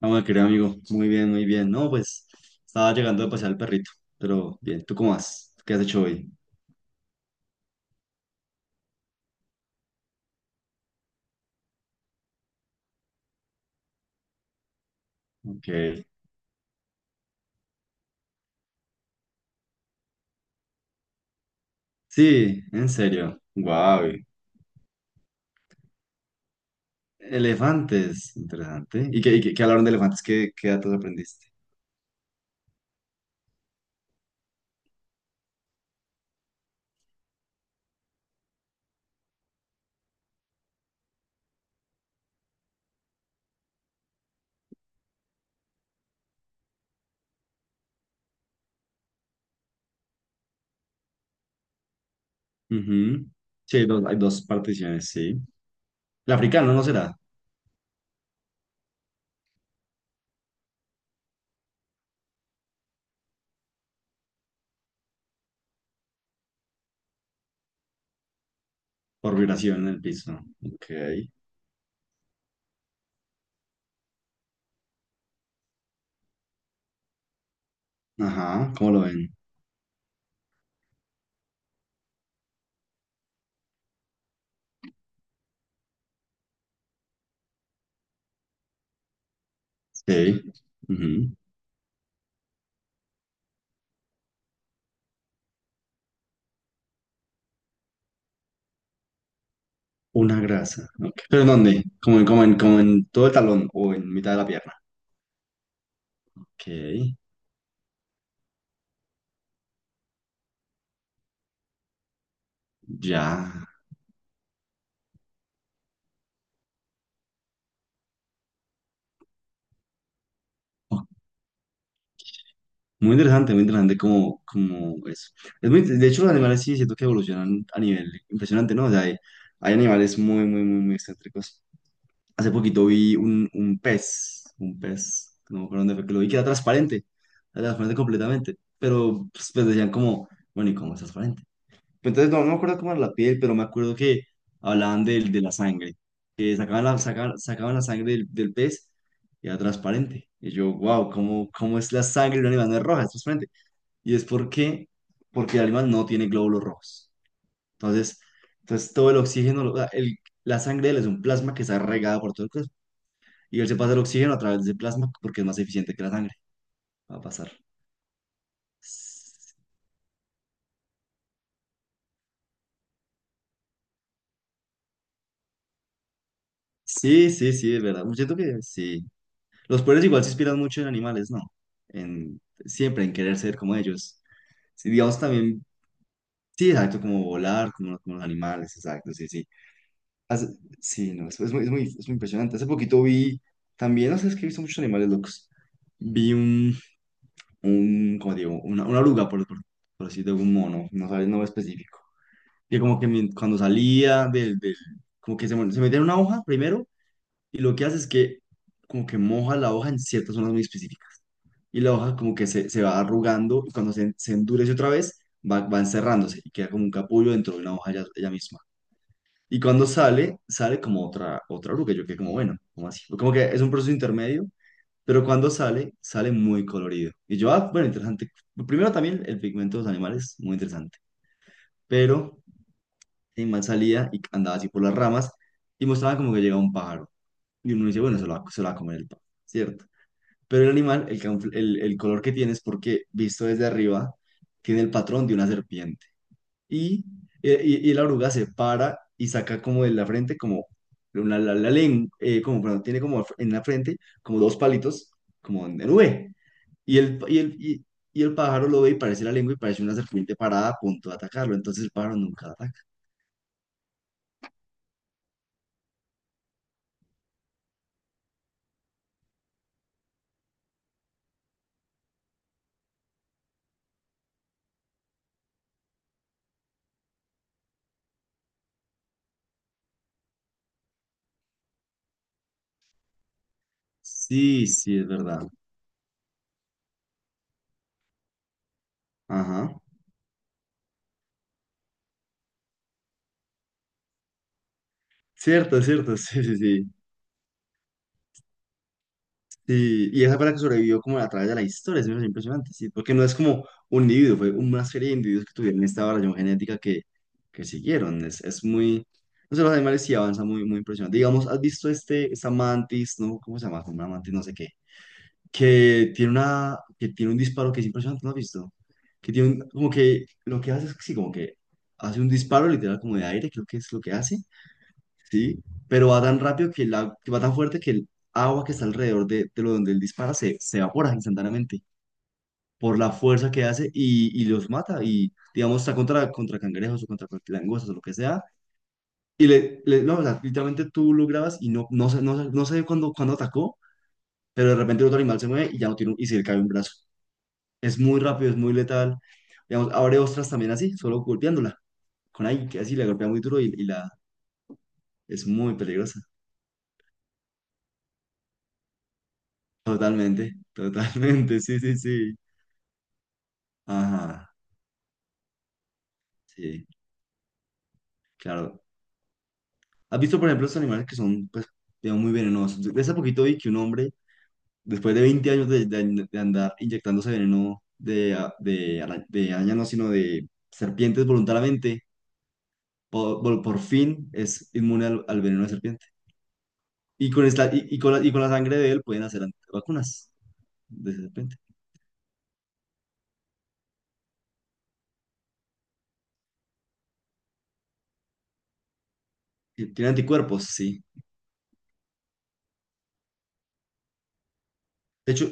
Ah, bueno, querido amigo, muy bien, muy bien. No, pues estaba llegando de pasear al perrito, pero bien, ¿tú cómo vas? ¿Qué has hecho hoy? Ok. Sí, en serio. Guau. Elefantes, interesante. ¿Qué hablaron de elefantes? ¿Qué datos aprendiste? Ujú. Sí, hay dos particiones, sí. El africano no será, por vibración en el piso. Ok. Ajá, ¿cómo lo ven? Sí. Ujú. Una grasa. Ok. ¿Pero en dónde? Como en todo el talón o en mitad de la pierna. Ok. Ya. Oh, muy interesante, muy interesante como eso. Es muy, de hecho, los animales sí siento que evolucionan a nivel impresionante, ¿no? O sea, hay animales muy, muy, muy, muy excéntricos. Hace poquito vi un pez, no me acuerdo dónde fue que lo vi, que era transparente completamente. Pero pues, decían como, bueno, ¿y cómo es transparente? Pero entonces no me acuerdo cómo era la piel, pero me acuerdo que hablaban de la sangre, que sacaban la sangre del pez y era transparente. Y yo, wow, ¿cómo es la sangre de un animal? No es roja, es transparente. Y es porque el animal no tiene glóbulos rojos. Entonces, entonces todo el oxígeno, la sangre de él es un plasma que está regada por todo el cuerpo. Y él se pasa el oxígeno a través de ese plasma porque es más eficiente que la sangre. Va a pasar. Sí, sí, sí, es verdad. Yo siento que sí. Los pueblos igual se inspiran mucho en animales, ¿no? En, Siempre en querer ser como ellos. Sí, digamos también, sí, exacto, como volar, como los animales, exacto, sí, sí. Sí, no, es muy impresionante. Hace poquito vi, también, no sé, es que he visto muchos animales locos. Vi un como digo, una oruga, por así decirlo, un mono, no sabes el nombre específico. Que como que cuando salía como que se metía en una hoja primero, y lo que hace es que como que moja la hoja en ciertas zonas muy específicas. Y la hoja como que se va arrugando y cuando se endurece otra vez va encerrándose y queda como un capullo dentro de una hoja ya ella misma. Y cuando sale, sale como otra oruga. Yo quedé como, bueno, ¿como así? Como que es un proceso intermedio, pero cuando sale, sale muy colorido. Y yo, ah, bueno, interesante. Primero también el pigmento de los animales, muy interesante. Pero el animal salía y andaba así por las ramas y mostraba como que llegaba un pájaro. Y uno dice, bueno, se lo va a comer el pájaro, ¿cierto? Pero el animal, el color que tiene es porque, visto desde arriba, tiene el patrón de una serpiente. Y, y la oruga se para y saca como de la frente, como la lengua, como, perdón, tiene como en la frente como dos palitos, como en V. Y el, y, el, y, y el pájaro lo ve y parece la lengua y parece una serpiente parada a punto de atacarlo. Entonces el pájaro nunca ataca. Sí, sí, es verdad. Ajá. Cierto, cierto, sí, sí, sí. Sí, y esa fue la que sobrevivió como a través de la historia, es menos impresionante, sí, porque no es como un individuo, fue una serie de individuos que tuvieron esta variación genética que siguieron, es muy, no sé, los animales sí avanzan muy, muy impresionante. Digamos, ¿has visto esta mantis, no, cómo se llama, como una mantis, no sé qué, que tiene un disparo que es impresionante, ¿no has visto? Que tiene como que, lo que hace es, que sí, como que hace un disparo literal como de aire, creo que es lo que hace, ¿sí? Pero va tan rápido que el agua, va tan fuerte que el agua que está alrededor de lo donde él dispara se evapora instantáneamente por la fuerza que hace y los mata. Y digamos, está contra cangrejos o contra langostas o lo que sea. No, o sea, literalmente tú lo grabas y no sé cuándo atacó, pero de repente el otro animal se mueve y ya no tiene y se le cae un brazo. Es muy rápido, es muy letal. Digamos, abre ostras también así, solo golpeándola. Con ahí, que así la golpea muy duro y la es muy peligrosa. Totalmente, totalmente, sí, sí, sí. Ajá, sí, claro. ¿Has visto, por ejemplo, estos animales que son, pues, digamos, muy venenosos? De hace poquito vi que un hombre, después de 20 años de andar inyectándose veneno de araña, no, sino de serpientes voluntariamente, por fin es inmune al veneno de serpiente. Y con, esta, y con la sangre de él pueden hacer vacunas de serpiente. Y tiene anticuerpos, sí. De hecho,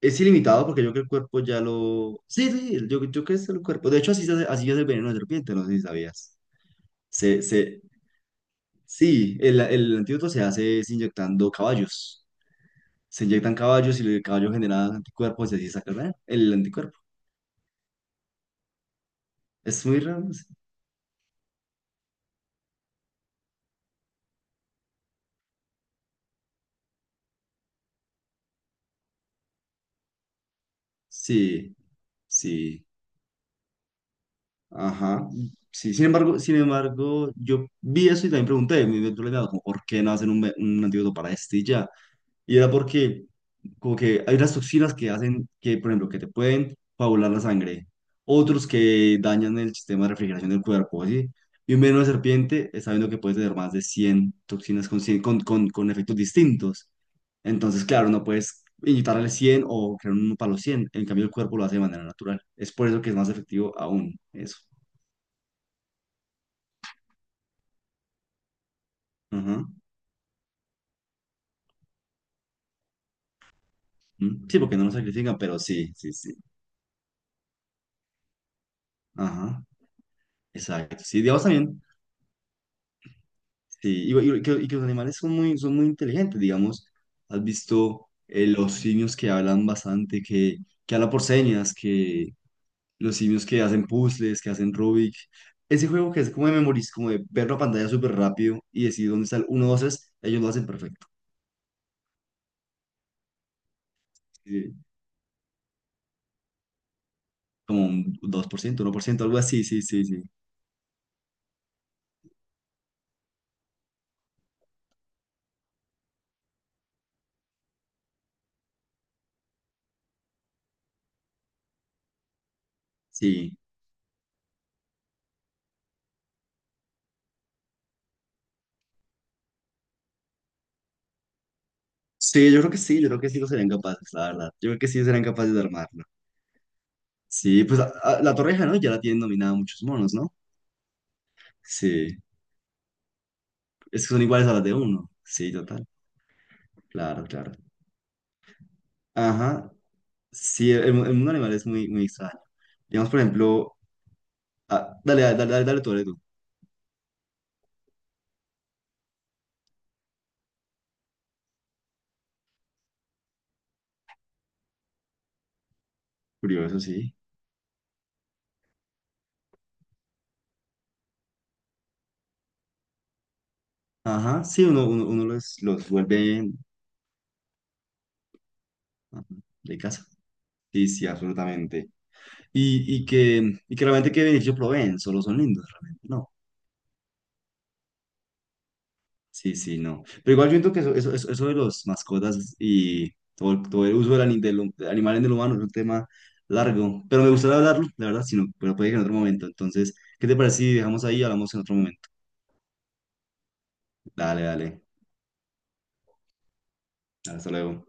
es ilimitado porque yo creo que el cuerpo ya lo... Sí, sí, yo creo que es el cuerpo. De hecho, así se hace, así es el veneno de serpiente, no sé si sabías. Se, se, sí, el antídoto se hace es inyectando caballos. Se inyectan caballos y el caballo genera anticuerpos y así saca el veneno, el anticuerpo. Es muy raro. No sé. Sí, sí, ajá. Sí, sin embargo, yo vi eso y también pregunté, yo le he como, ¿por qué no hacen un antídoto para este y ya? Y era porque como que hay unas toxinas que hacen que, por ejemplo, que te pueden coagular la sangre, otros que dañan el sistema de refrigeración del cuerpo, ¿sí? Y un veneno de serpiente está viendo que puede tener más de 100 toxinas con, cien- con efectos distintos. Entonces, claro, no puedes inyectarle 100 o crear uno para los 100. En cambio, el cuerpo lo hace de manera natural. Es por eso que es más efectivo aún eso. Ajá. Mm, sí, porque no lo sacrifican, pero sí, sí, sí. Ajá. Exacto. Sí, digamos también. Sí, que los animales son muy inteligentes, digamos. Has visto los simios que hablan bastante, que hablan por señas, que los simios que hacen puzzles, que hacen Rubik. Ese juego que es como de como de ver la pantalla súper rápido y decir dónde está el 1, 2, 3, ellos lo hacen perfecto. Sí, como un 2% 1%, algo así, sí, sí, sí. Sí, sí, yo creo que sí, yo creo que sí lo serían capaces, la verdad. Yo creo que sí serían capaces de armarlo. Sí, pues la torreja, ¿no? Ya la tienen dominada muchos monos, ¿no? Sí. Es que son iguales a las de uno. Sí, total. Claro, claro. Ajá. Sí, el mundo animal es muy, muy extraño. Digamos, por ejemplo, ah, dale, dale, dale, dale, tú, dale tú. Curioso, sí. Ajá, sí, uno los vuelve ajá, de casa. Sí, sí, absolutamente. Y que realmente qué beneficio proveen, solo son lindos, realmente. ¿No? Sí, sí, no. Pero igual yo entiendo que eso de las mascotas y todo, todo el uso del animal en el humano es un tema largo. Pero me gustaría hablarlo, la verdad, sino, pero puede que en otro momento. Entonces, ¿qué te parece si dejamos ahí y hablamos en otro momento? Dale, dale. Hasta luego.